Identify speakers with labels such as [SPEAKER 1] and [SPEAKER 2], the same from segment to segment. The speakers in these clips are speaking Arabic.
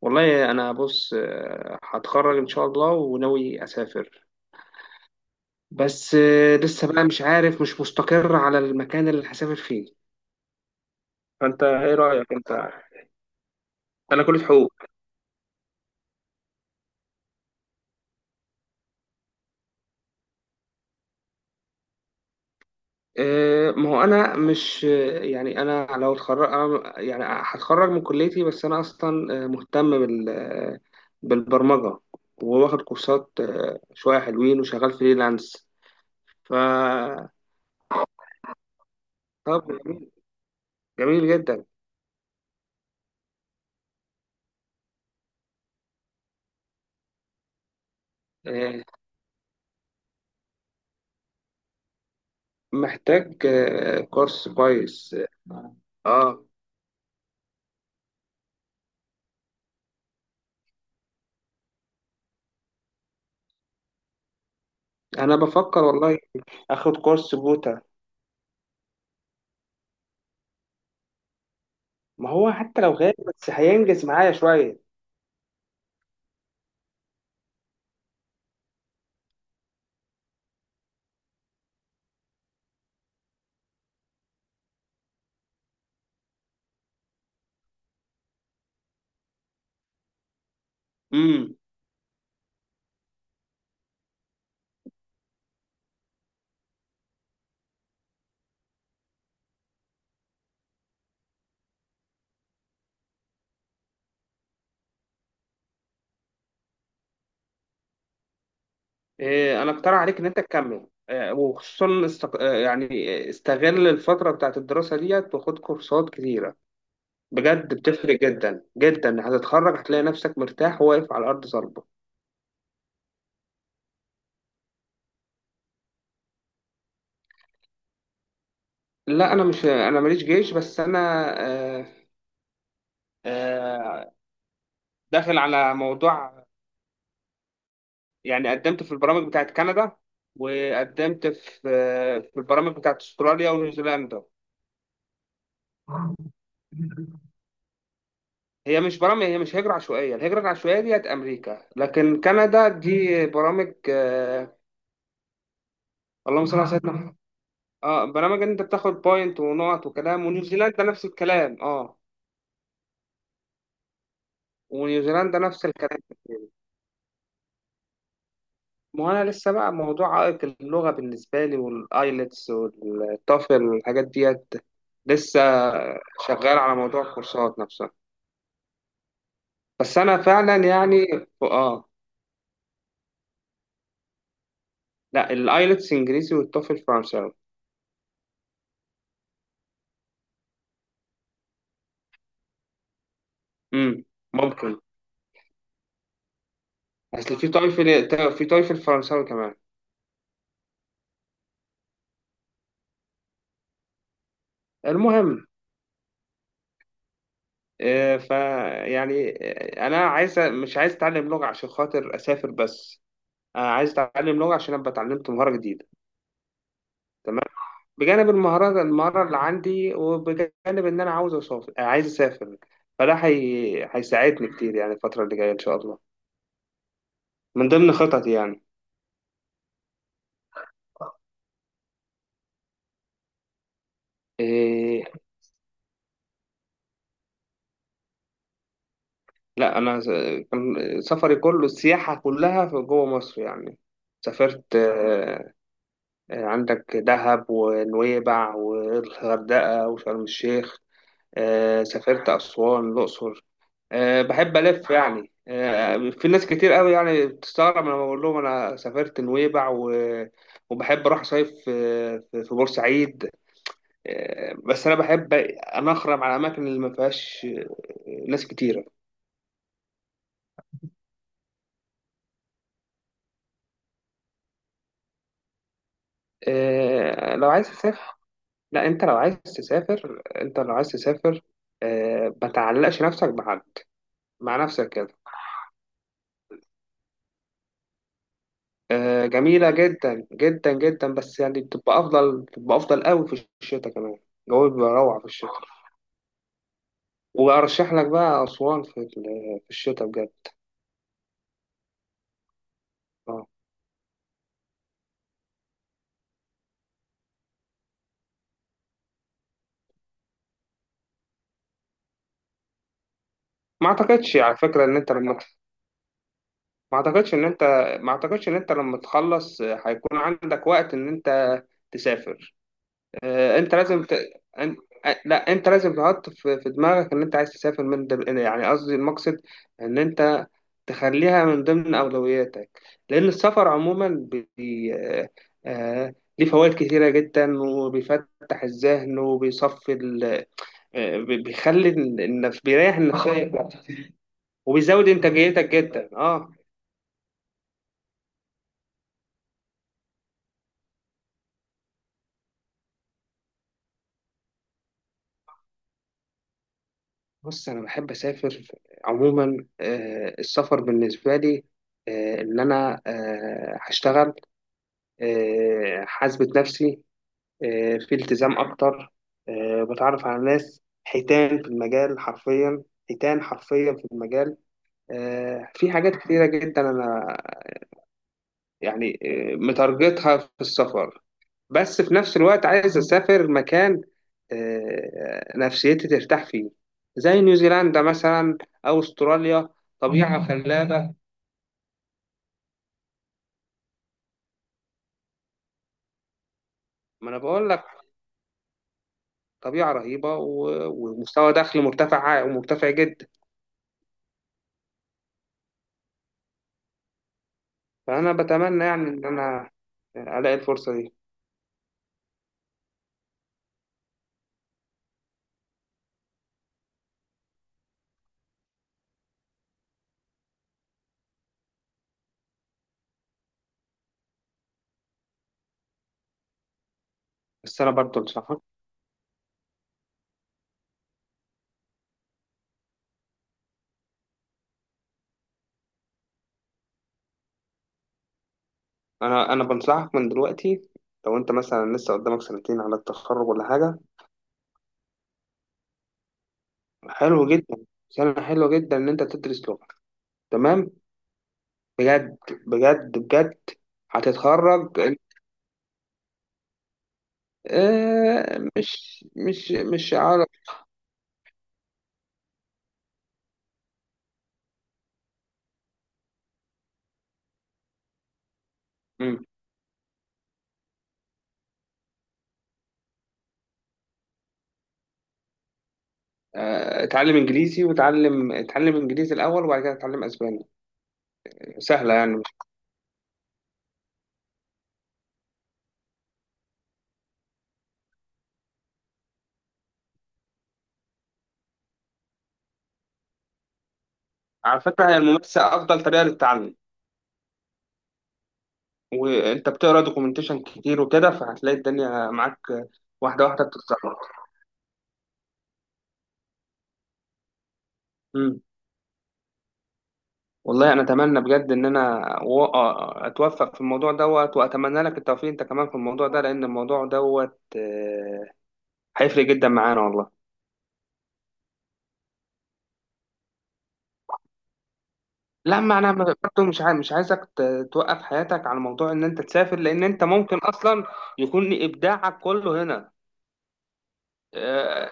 [SPEAKER 1] والله انا بص هتخرج ان شاء الله وناوي اسافر. بس لسه بقى مش عارف، مش مستقر على المكان اللي هسافر فيه. فانت ايه رايك انت؟ انا كلية حقوق. ما هو انا مش آه، يعني انا لو اتخرج، أنا يعني هتخرج من كليتي، بس انا اصلا مهتم بالبرمجه. وواخد كورسات شويه حلوين، وشغال فريلانس. ف طب جميل، جميل جدا. آه، محتاج كورس كويس. اه انا بفكر والله اخد كورس جوتا. ما هو حتى لو غالي بس هينجز معايا شويه. امم إيه، انا اقترح عليك ان انت تكمل، وخصوصا استق... آه، يعني استغل الفتره بتاعت الدراسه ديت وخد كورسات كتيره. بجد بتفرق جدا جدا. هتتخرج هتلاقي نفسك مرتاح وواقف على ارض صلبه. لا انا مش، انا ماليش جيش، بس انا آه، آه، داخل على موضوع. يعني قدمت في البرامج بتاعت كندا، وقدمت في البرامج بتاعت استراليا ونيوزيلندا. هي مش برامج، هي مش هجرة عشوائية. الهجرة العشوائية ديت أمريكا، لكن كندا دي برامج. اللهم صل على سيدنا محمد. اه برامج إن انت بتاخد بوينت ونقط وكلام، ونيوزيلندا نفس الكلام. اه ونيوزيلندا نفس الكلام. ما انا لسه بقى، موضوع عائق اللغه بالنسبه لي، والايلتس والتوفل والحاجات ديت لسه. شغال على موضوع الكورسات نفسها. بس انا فعلا يعني. اه. لا، الايلتس انجليزي والتوفل فرنساوي. امم، ممكن. اصل في تويفل، في تويفل فرنساوي كمان. المهم، آه، ف يعني انا عايز، مش عايز اتعلم لغه عشان خاطر اسافر بس، انا عايز اتعلم لغه عشان ابقى اتعلمت مهاره جديده. تمام. بجانب المهارة اللي عندي، وبجانب إن أنا عاوز أسافر عايز أسافر. هيساعدني كتير يعني الفترة اللي جاية إن شاء الله. من ضمن خططي يعني. إيه... لا أنا س- كان سفري كله، السياحة كلها في جوه مصر يعني. سافرت عندك دهب ونويبع والغردقة وشرم الشيخ. سافرت أسوان، الأقصر. بحب ألف يعني. في ناس كتير قوي يعني بتستغرب لما بقول لهم أنا سافرت نويبع وبحب أروح صيف في بورسعيد. بس أنا بحب أنا أخرم على الأماكن اللي ما فيهاش ناس كتيرة. لو عايز تسافر، لا أنت لو عايز تسافر، أنت لو عايز تسافر ما تعلقش نفسك بحد، مع نفسك كده. جميلة جدا جدا جدا، بس يعني بتبقى أفضل، بتبقى أفضل قوي في الشتاء كمان. الجو بيبقى روعة في الشتاء. وأرشح لك بقى أسوان في الشتاء بجد. أه. ما أعتقدش على فكرة إن أنت لما، ما أعتقدش إن أنت، ما أعتقدش إن أنت لما تخلص هيكون عندك وقت إن أنت تسافر. آه، انت لازم ت... أن... آه، لا انت لازم تحط في دماغك ان انت عايز تسافر من يعني، يعني قصدي المقصد ان انت تخليها من ضمن اولوياتك. لان السفر عموما بي... آه، آه، ليه فوائد كتيرة جدا، وبيفتح الذهن، وبيصفي ال... آه، بي- بيخلي ال- النفس، بيريح النفسية. وبيزود انتاجيتك جدا. اه. بص انا بحب اسافر عموما. السفر بالنسبة لي ان انا هشتغل، حاسبة نفسي في التزام أكتر. بتعرف على ناس حيتان في المجال حرفيا، حيتان حرفيا في المجال. في حاجات كتيرة جدا أنا يعني متارجتها في السفر. بس في نفس الوقت عايز أسافر مكان نفسيتي ترتاح فيه. زي نيوزيلندا مثلا، أو أستراليا. طبيعة خلابة. ما أنا بقول لك، طبيعة رهيبة ومستوى دخل مرتفع، مرتفع جدا. فأنا بتمنى يعني إن أنا ألاقي الفرصة دي. بس أنا برضه بنصحك، أنا بنصحك من دلوقتي. لو أنت مثلا لسه قدامك سنتين على التخرج ولا حاجة. حلو جدا، سنة حلوة جدا إن أنت تدرس لغة. تمام. بجد، بجد، بجد. هتتخرج. آه مش عارف. مم. اتعلم انجليزي، وتعلم اتعلم انجليزي الاول، وبعد كده اتعلم اسباني. سهله يعني. على فكره، هي الممارسه افضل طريقه للتعلم. وانت بتقرا دوكيومنتيشن كتير وكده، فهتلاقي الدنيا معاك. واحده واحده بتتظبط. امم. والله انا اتمنى بجد ان انا اتوفق في الموضوع دوت، واتمنى لك التوفيق انت كمان في الموضوع ده، لان الموضوع دوت هيفرق جدا معانا والله. لا ما انا برضه مش عايز، مش عايزك ت- توقف حياتك على موضوع ان انت تسافر، لان انت ممكن اصلا يكون ابداعك كله هنا. اه.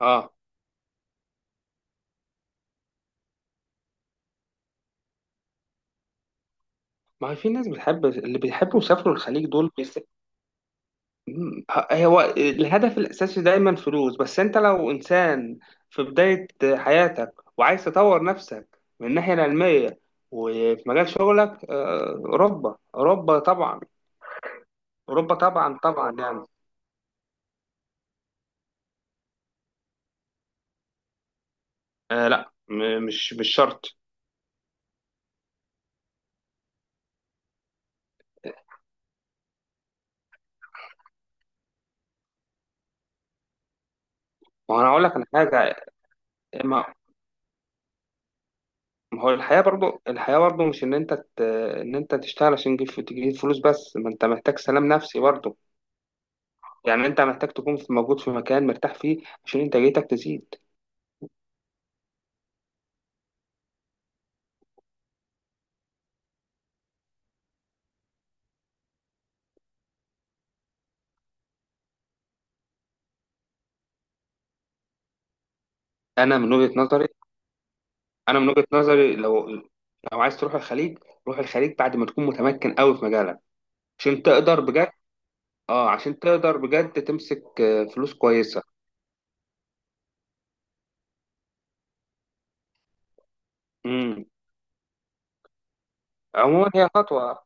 [SPEAKER 1] آه. ما هي في ناس بتحب، اللي بيحبوا يسافروا الخليج دول هو الهدف الأساسي دايما فلوس. بس أنت لو إنسان في بداية حياتك، وعايز تطور نفسك من الناحية العلمية وفي مجال شغلك، أوروبا، أوروبا طبعا. أوروبا طبعا، طبعا يعني. آه لا مش شرط. ما هو أنا أقول لك على حاجة. ما ما هو الحياة برضو، الحياة برضو مش إن أنت تشتغل عشان تجيب فلوس بس، ما أنت محتاج سلام نفسي برضو. يعني أنت محتاج تكون في، موجود في مكان مرتاح فيه عشان إنتاجيتك تزيد. أنا من وجهة نظري، انا من وجهة نظري، لو لو عايز تروح الخليج، روح الخليج بعد ما تكون متمكن قوي في مجالك، عشان تقدر بجد. اه عشان تقدر بجد تمسك فلوس كويسة. امم. عموما هي خطوة.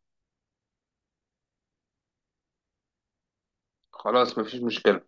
[SPEAKER 1] خلاص مفيش مشكلة.